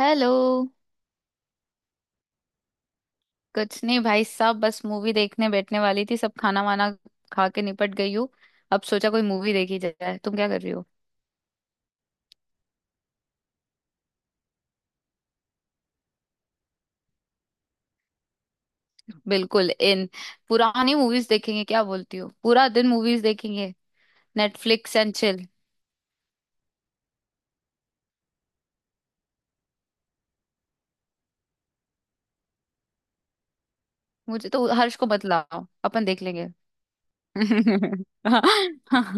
Hello. कुछ नहीं भाई साहब, बस मूवी देखने बैठने वाली थी, सब खाना वाना खा के निपट गई हूँ। अब सोचा कोई मूवी देखी जाए, तुम क्या कर रही हो? बिल्कुल इन। पुरानी मूवीज देखेंगे, क्या बोलती हो? पूरा दिन मूवीज देखेंगे। Netflix and chill. मुझे तो, हर्ष को बतलाओ, अपन देख लेंगे।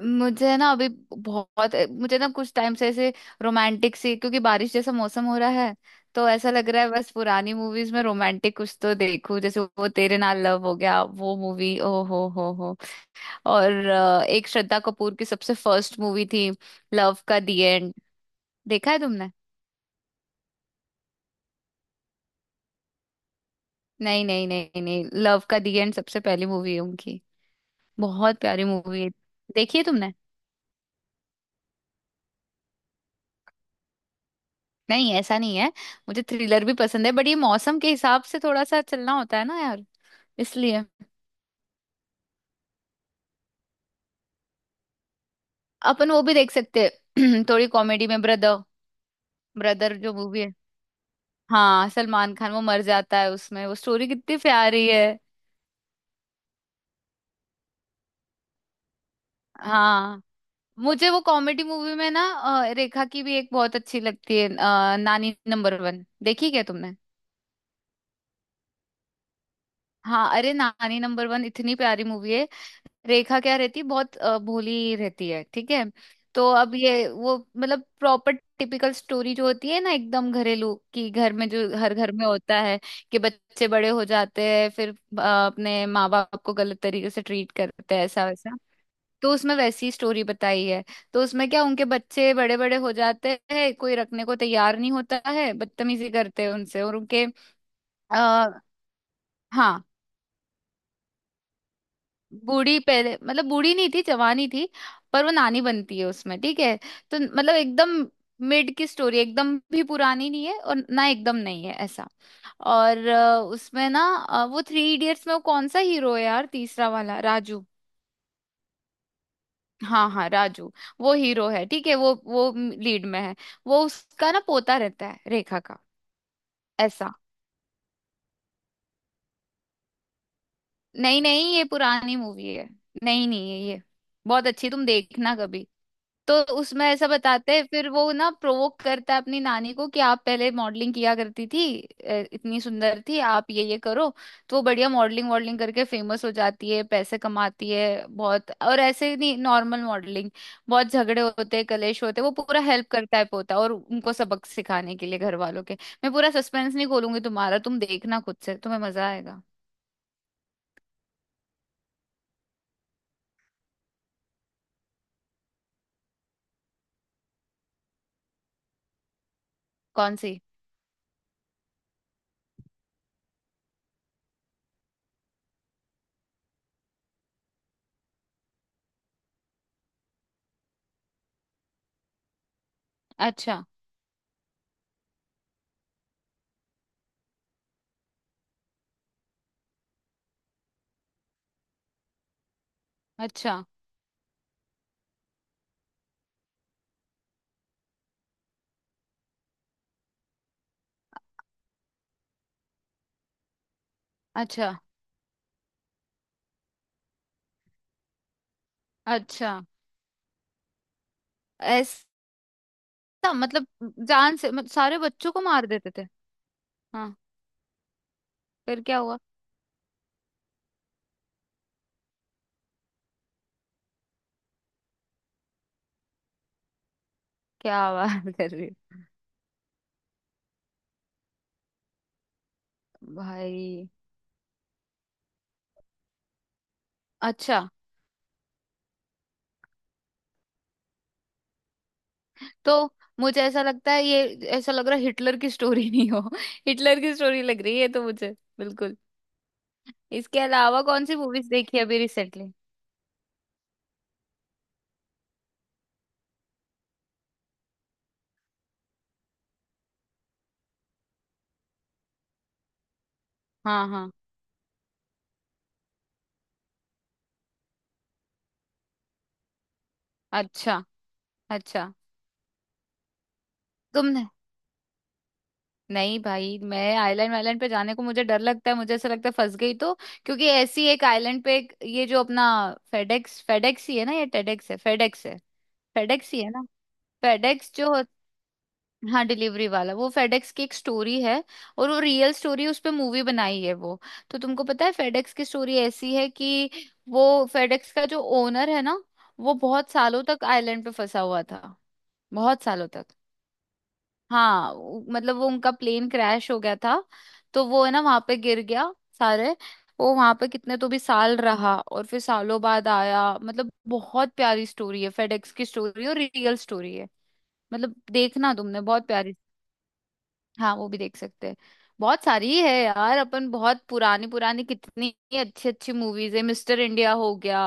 मुझे ना अभी, बहुत। मुझे ना कुछ टाइम से ऐसे रोमांटिक सी, क्योंकि बारिश जैसा मौसम हो रहा है। तो ऐसा लग रहा है बस पुरानी मूवीज में रोमांटिक कुछ तो देखूं, जैसे वो तेरे नाल लव हो गया, वो मूवी, ओ हो हो। और एक श्रद्धा कपूर की सबसे फर्स्ट मूवी थी, लव का दी एंड। देखा है तुमने? नहीं नहीं नहीं नहीं, लव का दी एंड सबसे पहली मूवी है उनकी। बहुत प्यारी मूवी है। देखी है तुमने? नहीं ऐसा नहीं है। मुझे थ्रिलर भी पसंद है, बट ये मौसम के हिसाब से थोड़ा सा चलना होता है ना यार, इसलिए। अपन वो भी देख सकते हैं। थोड़ी कॉमेडी में, ब्रदर। ब्रदर जो मूवी है, हाँ सलमान खान, वो मर जाता है उसमें, वो स्टोरी कितनी प्यारी है। हाँ। मुझे वो कॉमेडी मूवी में ना रेखा की भी एक बहुत अच्छी लगती है, नानी नंबर वन देखी क्या तुमने? हाँ, अरे नानी नंबर वन इतनी प्यारी मूवी है। रेखा क्या रहती है, बहुत भोली रहती है, ठीक है। तो अब ये वो मतलब प्रॉपर टिपिकल स्टोरी जो होती है ना, एकदम घरेलू, कि घर में, जो हर घर में होता है, कि बच्चे बड़े हो जाते हैं, फिर अपने माँ बाप को गलत तरीके से ट्रीट करते हैं ऐसा वैसा। तो उसमें वैसी स्टोरी बताई है। तो उसमें क्या, उनके बच्चे बड़े बड़े हो जाते हैं, कोई रखने को तैयार नहीं होता है, बदतमीजी करते हैं उनसे और उनके। आ, हाँ, बूढ़ी पहले, मतलब बूढ़ी नहीं थी, जवानी थी, पर वो नानी बनती है उसमें, ठीक है। तो मतलब एकदम मिड की स्टोरी, एकदम भी पुरानी नहीं है और ना एकदम नहीं है ऐसा। और उसमें ना वो थ्री इडियट्स में, वो कौन सा हीरो है यार, तीसरा वाला, राजू। हाँ हाँ, राजू। वो हीरो है, ठीक है, वो लीड में है। वो उसका ना पोता रहता है, रेखा का। ऐसा। नहीं नहीं, ये पुरानी मूवी है। नहीं, नहीं है ये। बहुत अच्छी, तुम देखना कभी। तो उसमें ऐसा बताते हैं, फिर वो ना प्रोवोक करता है अपनी नानी को, कि आप पहले मॉडलिंग किया करती थी, इतनी सुंदर थी आप, ये करो। तो वो बढ़िया मॉडलिंग वॉडलिंग करके फेमस हो जाती है, पैसे कमाती है बहुत, और ऐसे ही नहीं, नॉर्मल मॉडलिंग। बहुत झगड़े होते हैं, कलेश होते हैं, वो पूरा हेल्प करता है पोता, और उनको सबक सिखाने के लिए घर वालों के। मैं पूरा सस्पेंस नहीं खोलूंगी तुम्हारा, तुम देखना खुद से, तुम्हें मजा आएगा। कौन सी? अच्छा। अच्छा। अच्छा। अच्छा। था मतलब, जान से, मतलब सारे बच्चों को मार देते थे? हाँ। फिर क्या हुआ? क्या बात कर रही हो? भाई। अच्छा। तो मुझे ऐसा लगता है, ये ऐसा लग रहा है हिटलर की स्टोरी, नहीं हो? हिटलर की स्टोरी लग रही है तो मुझे, बिल्कुल। इसके अलावा कौन सी मूवीज देखी अभी रिसेंटली? हाँ हाँ। अच्छा। अच्छा। तुमने? नहीं भाई, मैं आइलैंड वाइलैंड पे जाने को, मुझे डर लगता है, मुझे ऐसा लगता है फंस गई तो। क्योंकि ऐसी एक आइलैंड पे ये जो अपना फेडेक्स, फेडेक्स ही है ना, ये टेडेक्स है, फेडेक्स है, फेडेक्स ही है ना, फेडेक्स जो हो- हाँ डिलीवरी वाला, वो फेडेक्स की एक स्टोरी है। और वो रियल स्टोरी, उस पे मूवी बनाई है वो। तो तुमको पता है, फेडेक्स की स्टोरी ऐसी है कि वो, फेडेक्स का जो ओनर है ना, वो बहुत सालों तक आइलैंड पे फंसा हुआ था, बहुत सालों तक। हाँ मतलब वो, उनका प्लेन क्रैश हो गया था, तो वो है ना, वहां पे गिर गया सारे। वो वहां पे कितने तो भी साल रहा, और फिर सालों बाद आया, मतलब बहुत प्यारी स्टोरी है फेडेक्स की स्टोरी, और रियल स्टोरी है, मतलब देखना, तुमने, बहुत प्यारी। हाँ, वो भी देख सकते हैं। बहुत सारी है यार अपन, बहुत पुरानी पुरानी, कितनी अच्छी अच्छी मूवीज है, मिस्टर इंडिया हो गया,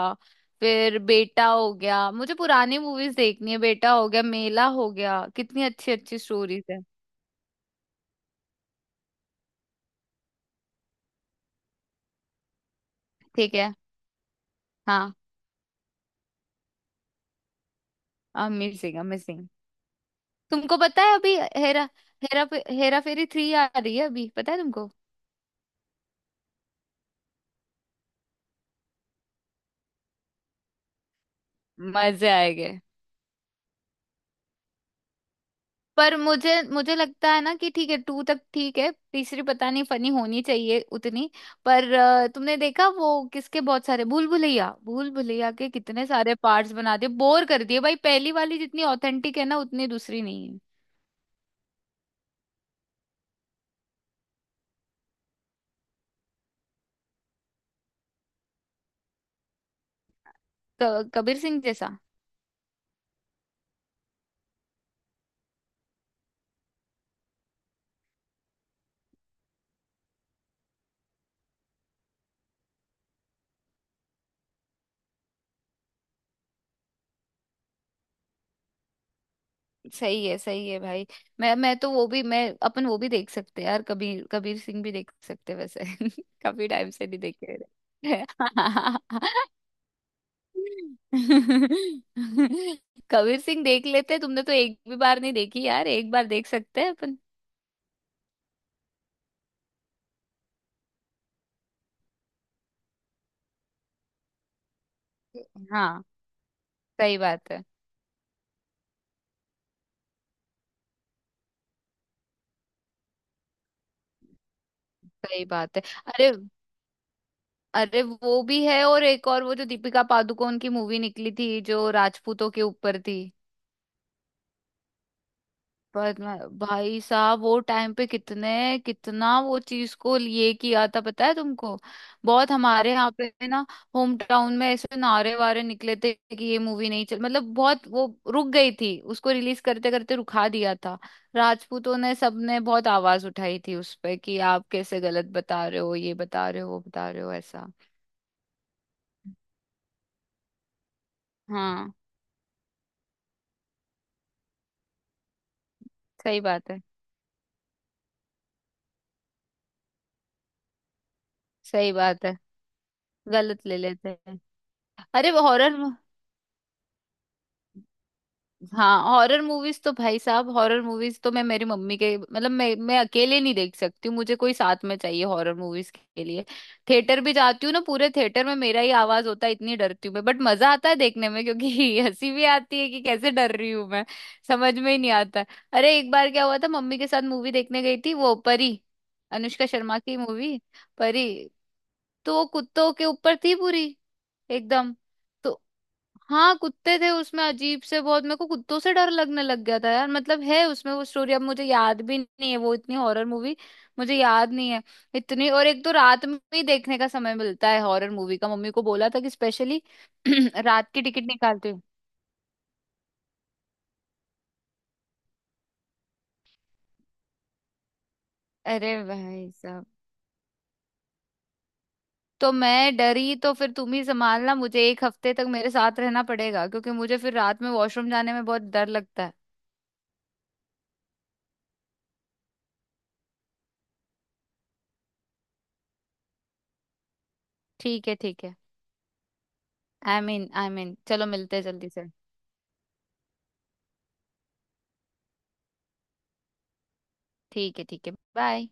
फिर बेटा हो गया, मुझे पुरानी मूवीज देखनी है, बेटा हो गया, मेला हो गया, कितनी अच्छी अच्छी स्टोरीज है। ठीक है। हाँ, अमेजिंग अमेजिंग। तुमको पता है अभी हेरा हेरा हेरा फेरी थ्री आ रही है अभी, पता है तुमको? मजे आएंगे। पर मुझे मुझे लगता है ना कि, ठीक है टू तक, ठीक है, तीसरी पता नहीं फनी होनी चाहिए उतनी। पर तुमने देखा वो किसके, बहुत सारे भूल भुलैया, भूल भुलैया के कितने सारे पार्ट्स बना दिए, बोर कर दिए भाई, पहली वाली जितनी ऑथेंटिक है ना, उतनी दूसरी नहीं है। कबीर सिंह जैसा। सही है भाई। मैं तो वो भी, मैं, अपन वो भी देख सकते हैं यार, कबीर कबीर सिंह भी देख सकते हैं वैसे। काफी टाइम से नहीं देखे। कबीर सिंह देख लेते, तुमने तो एक भी बार नहीं देखी यार, एक बार देख सकते हैं अपन। हाँ सही बात है सही बात है। अरे, अरे वो भी है, और एक और वो जो दीपिका पादुकोण की मूवी निकली थी जो राजपूतों के ऊपर थी। पर ना- भाई साहब, वो टाइम पे कितने, कितना वो चीज को लिए किया था, पता है तुमको? बहुत हमारे यहाँ पे ना, होम टाउन में ऐसे नारे वारे निकले थे कि ये मूवी नहीं चल, मतलब बहुत वो, रुक गई थी, उसको रिलीज करते करते रुखा दिया था। राजपूतों ने, सबने बहुत आवाज उठाई थी उस पे, कि आप कैसे गलत बता रहे हो, ये बता रहे हो, वो बता रहे हो ऐसा। हाँ सही बात है सही बात है, गलत ले लेते हैं। अरे वो हॉरर, हाँ, हॉरर मूवीज तो भाई साहब, हॉरर मूवीज तो मैं मेरी मम्मी के, मतलब मैं अकेले नहीं देख सकती हूँ, मुझे कोई साथ में चाहिए हॉरर मूवीज के लिए। थिएटर भी जाती हूँ ना, पूरे थिएटर में मेरा ही आवाज होता है, इतनी डरती हूँ मैं, बट मजा आता है देखने में, क्योंकि हंसी भी आती है कि कैसे डर रही हूँ मैं, समझ में ही नहीं आता है। अरे एक बार क्या हुआ था, मम्मी के साथ मूवी देखने गई थी वो परी, अनुष्का शर्मा की मूवी परी। तो वो कुत्तों के ऊपर थी पूरी एकदम। तो हाँ, कुत्ते थे उसमें अजीब से बहुत, मेरे को कुत्तों से डर लगने लग गया था यार, मतलब है उसमें, वो स्टोरी अब मुझे याद भी नहीं है, वो इतनी हॉरर मूवी, मुझे याद नहीं है इतनी। और एक तो रात में ही देखने का समय मिलता है हॉरर मूवी का, मम्मी को बोला था कि स्पेशली रात की टिकट निकालते हो। अरे भाई साहब, तो मैं डरी तो फिर तुम ही संभालना मुझे, एक हफ्ते तक मेरे साथ रहना पड़ेगा, क्योंकि मुझे फिर रात में वॉशरूम जाने में बहुत डर लगता है। ठीक है ठीक है। आई मीन चलो मिलते हैं जल्दी से। ठीक है ठीक है, बाय।